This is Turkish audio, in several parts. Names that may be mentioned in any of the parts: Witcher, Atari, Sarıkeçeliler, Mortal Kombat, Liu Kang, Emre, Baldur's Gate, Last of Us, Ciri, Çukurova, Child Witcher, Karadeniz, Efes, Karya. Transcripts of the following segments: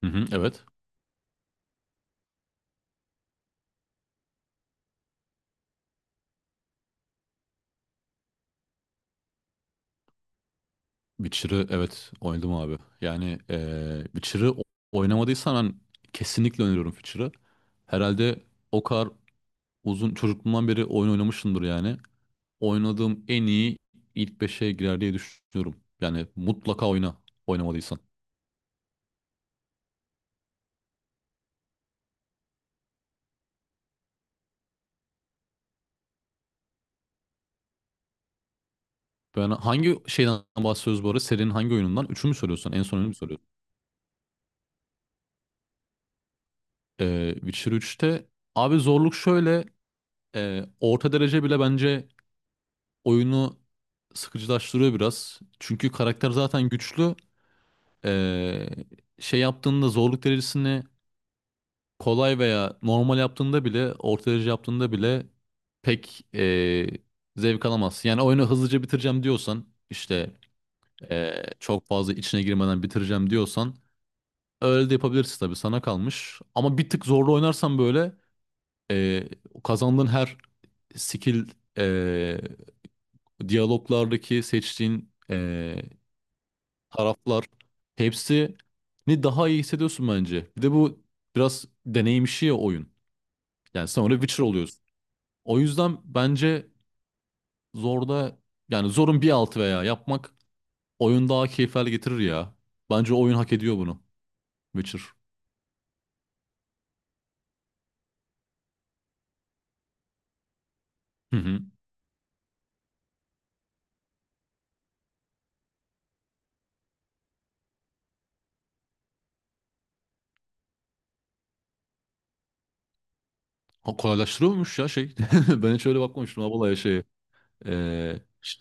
Hı hı, evet. Witcher'ı evet oynadım abi. Yani Witcher'ı oynamadıysan ben kesinlikle öneriyorum Witcher'ı. Herhalde o kadar uzun çocukluğumdan beri oyun oynamışımdır yani. Oynadığım en iyi ilk 5'e girer diye düşünüyorum. Yani mutlaka oynamadıysan. Ben hangi şeyden bahsediyoruz bu arada? Serinin hangi oyunundan? Üçü mü söylüyorsun? En son oyunu mu söylüyorsun? Witcher üçte, abi, zorluk şöyle: orta derece bile bence oyunu sıkıcılaştırıyor biraz. Çünkü karakter zaten güçlü. Ee, şey yaptığında zorluk derecesini kolay veya normal yaptığında bile, orta derece yaptığında bile pek zevk alamazsın. Yani oyunu hızlıca bitireceğim diyorsan, işte çok fazla içine girmeden bitireceğim diyorsan öyle de yapabilirsin tabii, sana kalmış. Ama bir tık zorlu oynarsan böyle ee, kazandığın her skill, ee, diyaloglardaki seçtiğin taraflar, hepsini daha iyi hissediyorsun bence. Bir de bu biraz deneyim işi ya, oyun. Yani sonra Witcher oluyorsun. O yüzden bence zorda, yani zorun bir altı veya yapmak oyun daha keyif hale getirir ya. Bence oyun hak ediyor bunu. Witcher. Hı hı. Ha, kolaylaştırıyormuş ya şey. Ben hiç öyle bakmamıştım abi olaya şeye. Ee, ş-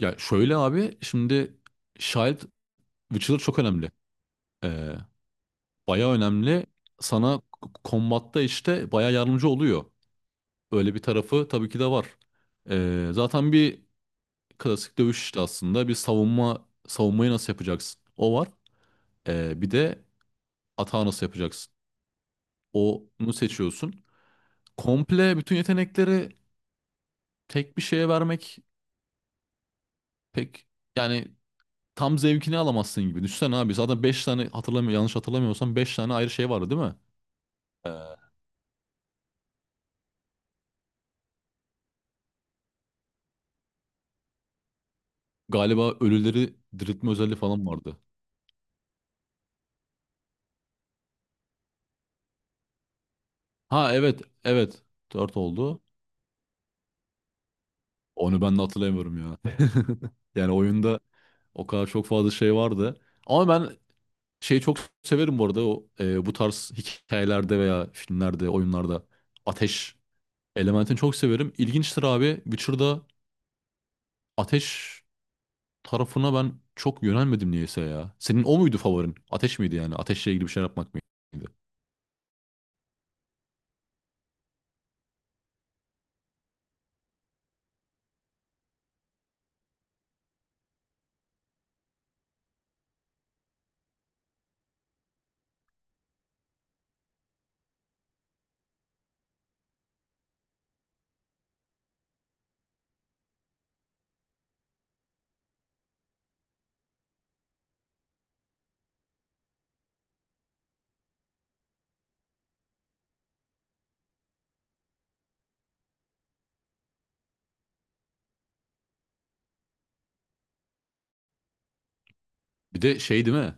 ya şöyle abi, şimdi Child Witcher çok önemli. Ee, bayağı önemli. Sana kombatta işte baya yardımcı oluyor. Öyle bir tarafı tabii ki de var. Zaten bir klasik dövüş işte aslında. Bir savunmayı nasıl yapacaksın? O var. Bir de atağı nasıl yapacaksın? Onu seçiyorsun. Komple bütün yetenekleri tek bir şeye vermek pek, yani tam zevkini alamazsın gibi. Düşünsene abi, zaten 5 tane, hatırlamıyor, yanlış hatırlamıyorsam 5 tane ayrı şey vardı değil mi? Ee, galiba ölüleri diriltme özelliği falan vardı. Ha evet evet, 4 oldu. Onu ben de hatırlamıyorum ya. Yani oyunda o kadar çok fazla şey vardı. Ama ben şeyi çok severim bu arada. O, bu tarz hikayelerde veya filmlerde, oyunlarda ateş elementini çok severim. İlginçtir abi. Witcher'da ateş tarafına ben çok yönelmedim niyeyse ya. Senin o muydu favorin? Ateş miydi yani? Ateşle ilgili bir şey yapmak mıydı? Bir de şey değil mi?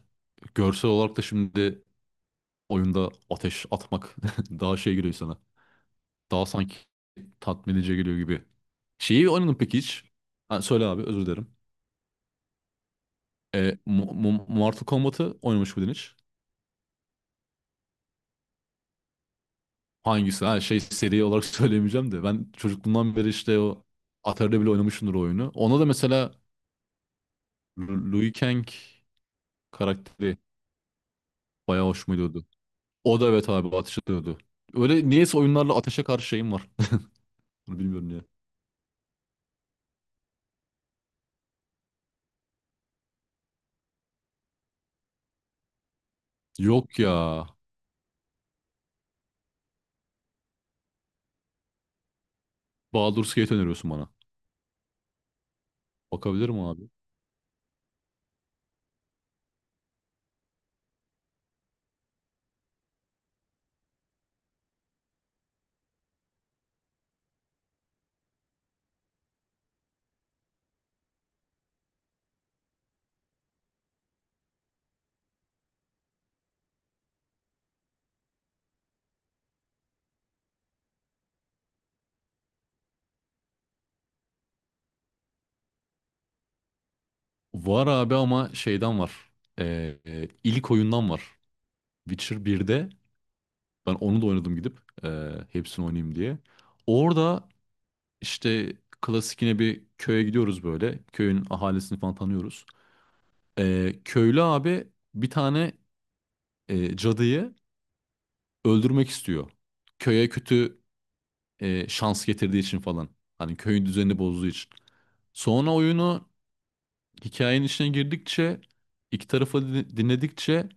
Görsel olarak da şimdi oyunda ateş atmak daha şey geliyor sana. Daha sanki tatmin edici geliyor gibi. Şeyi oynadın peki hiç? Ha, söyle abi, özür dilerim. Mortal Kombat'ı oynamış mıydın hiç? Hangisi? Ha, şey, seri olarak söyleyemeyeceğim de. Ben çocukluğumdan beri işte o Atari'de bile oynamışımdır o oyunu. Ona da mesela Liu Kang karakteri bayağı hoşuma gidiyordu. O da evet abi ateş ediyordu. Öyle niyeyse oyunlarla ateşe karşı şeyim var. Bunu bilmiyorum niye. Yok ya. Baldur's Gate öneriyorsun bana. Bakabilir mi abi? Var abi, ama şeyden var. İlk oyundan var. Witcher birde ben onu da oynadım gidip, hepsini oynayayım diye. Orada işte klasik yine bir köye gidiyoruz böyle. Köyün ahalisini falan tanıyoruz. Köylü abi bir tane cadıyı öldürmek istiyor. Köye kötü şans getirdiği için falan. Hani köyün düzenini bozduğu için. Sonra oyunu, hikayenin içine girdikçe, iki tarafı dinledikçe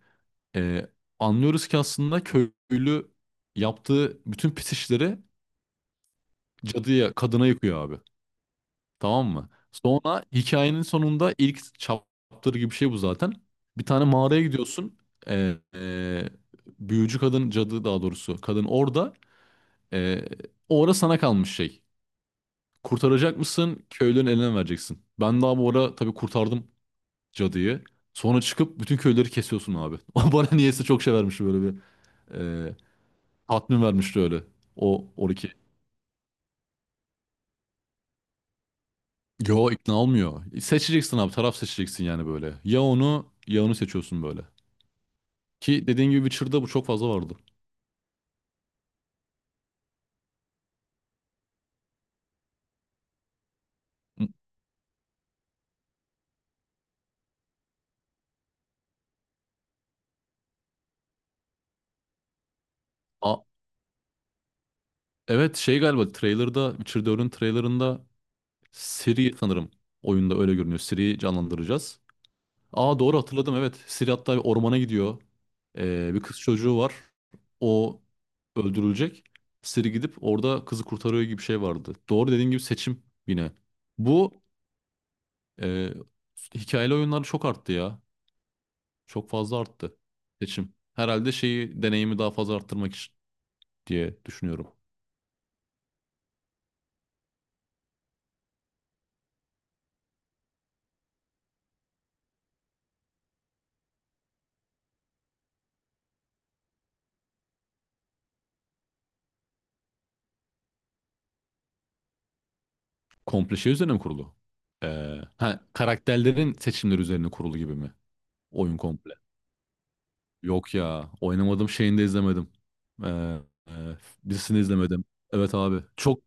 Ee, anlıyoruz ki aslında köylü yaptığı bütün pis işleri cadıya, kadına yıkıyor abi. Tamam mı? Sonra hikayenin sonunda, ilk chapter gibi bir şey bu zaten, bir tane mağaraya gidiyorsun. Ee, e, büyücü kadın, cadı daha doğrusu. Kadın orada. Ee, o ara sana kalmış şey. Kurtaracak mısın? Köylünün eline mi vereceksin. Ben daha bu ara tabii kurtardım cadıyı. Sonra çıkıp bütün köyleri kesiyorsun abi. Bana niyeyse çok şey vermiş böyle bir tatmin vermişti öyle. O 12. Yo, ikna olmuyor. Seçeceksin abi, taraf seçeceksin yani böyle. Ya onu ya onu seçiyorsun böyle. Ki dediğin gibi Witcher'da bu çok fazla vardı. M- A evet, şey, galiba trailer'da, Witcher 4'ün trailer'ında, Ciri sanırım oyunda öyle görünüyor. Ciri'yi canlandıracağız. Aa doğru hatırladım, evet. Ciri hatta bir ormana gidiyor. Bir kız çocuğu var. O öldürülecek. Ciri gidip orada kızı kurtarıyor gibi bir şey vardı. Doğru, dediğin gibi seçim yine. Bu Ee, hikayeli oyunlar çok arttı ya. Çok fazla arttı seçim. Herhalde şeyi, deneyimi daha fazla arttırmak için diye düşünüyorum. Komple şey üzerine mi kurulu? Ha, karakterlerin seçimleri üzerine kurulu gibi mi? Oyun komple. Yok ya, oynamadım, şeyini de izlemedim. Ee, e, dizisini izlemedim. Evet abi. Çok,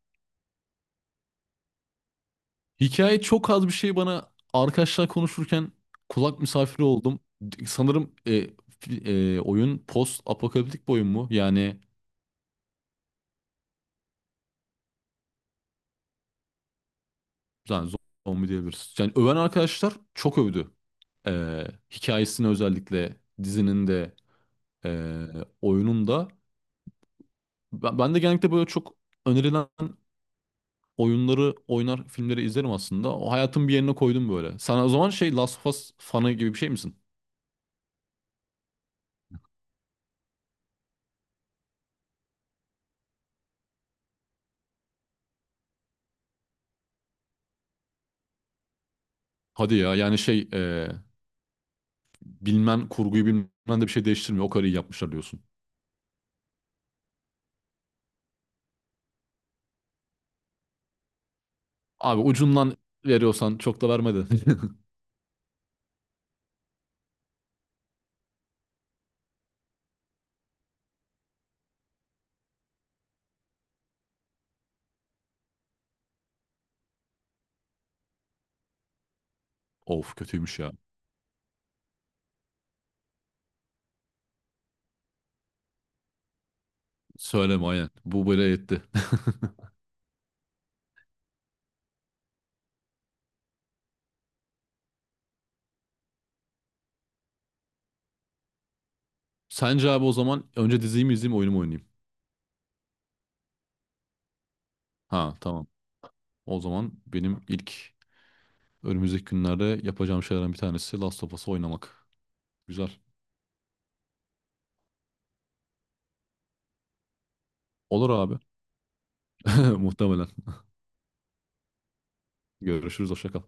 hikaye çok az bir şey bana, arkadaşlar konuşurken kulak misafiri oldum. Sanırım oyun post apokaliptik bir oyun mu? Yani. Yani zombi diyebiliriz. Yani öven arkadaşlar çok övdü. Hikayesini özellikle, dizinin de ee, oyunun da. Ben de genellikle böyle çok önerilen oyunları oynar, filmleri izlerim aslında. O hayatın bir yerine koydum böyle. Sen o zaman şey, Last of Us fanı gibi bir şey misin? Hadi ya, yani şey, bilmen, kurguyu bilmen de bir şey değiştirmiyor. O kadar iyi yapmışlar diyorsun. Abi ucundan veriyorsan çok da vermedi. Of, kötüymüş ya. Söyleme, aynen. Bu böyle yetti. Sence abi o zaman önce diziyi mi izleyeyim, oyunu mu oynayayım? Ha tamam. O zaman benim ilk önümüzdeki günlerde yapacağım şeylerden bir tanesi Last of Us oynamak. Güzel. Olur abi. Muhtemelen. Görüşürüz. Hoşça kal.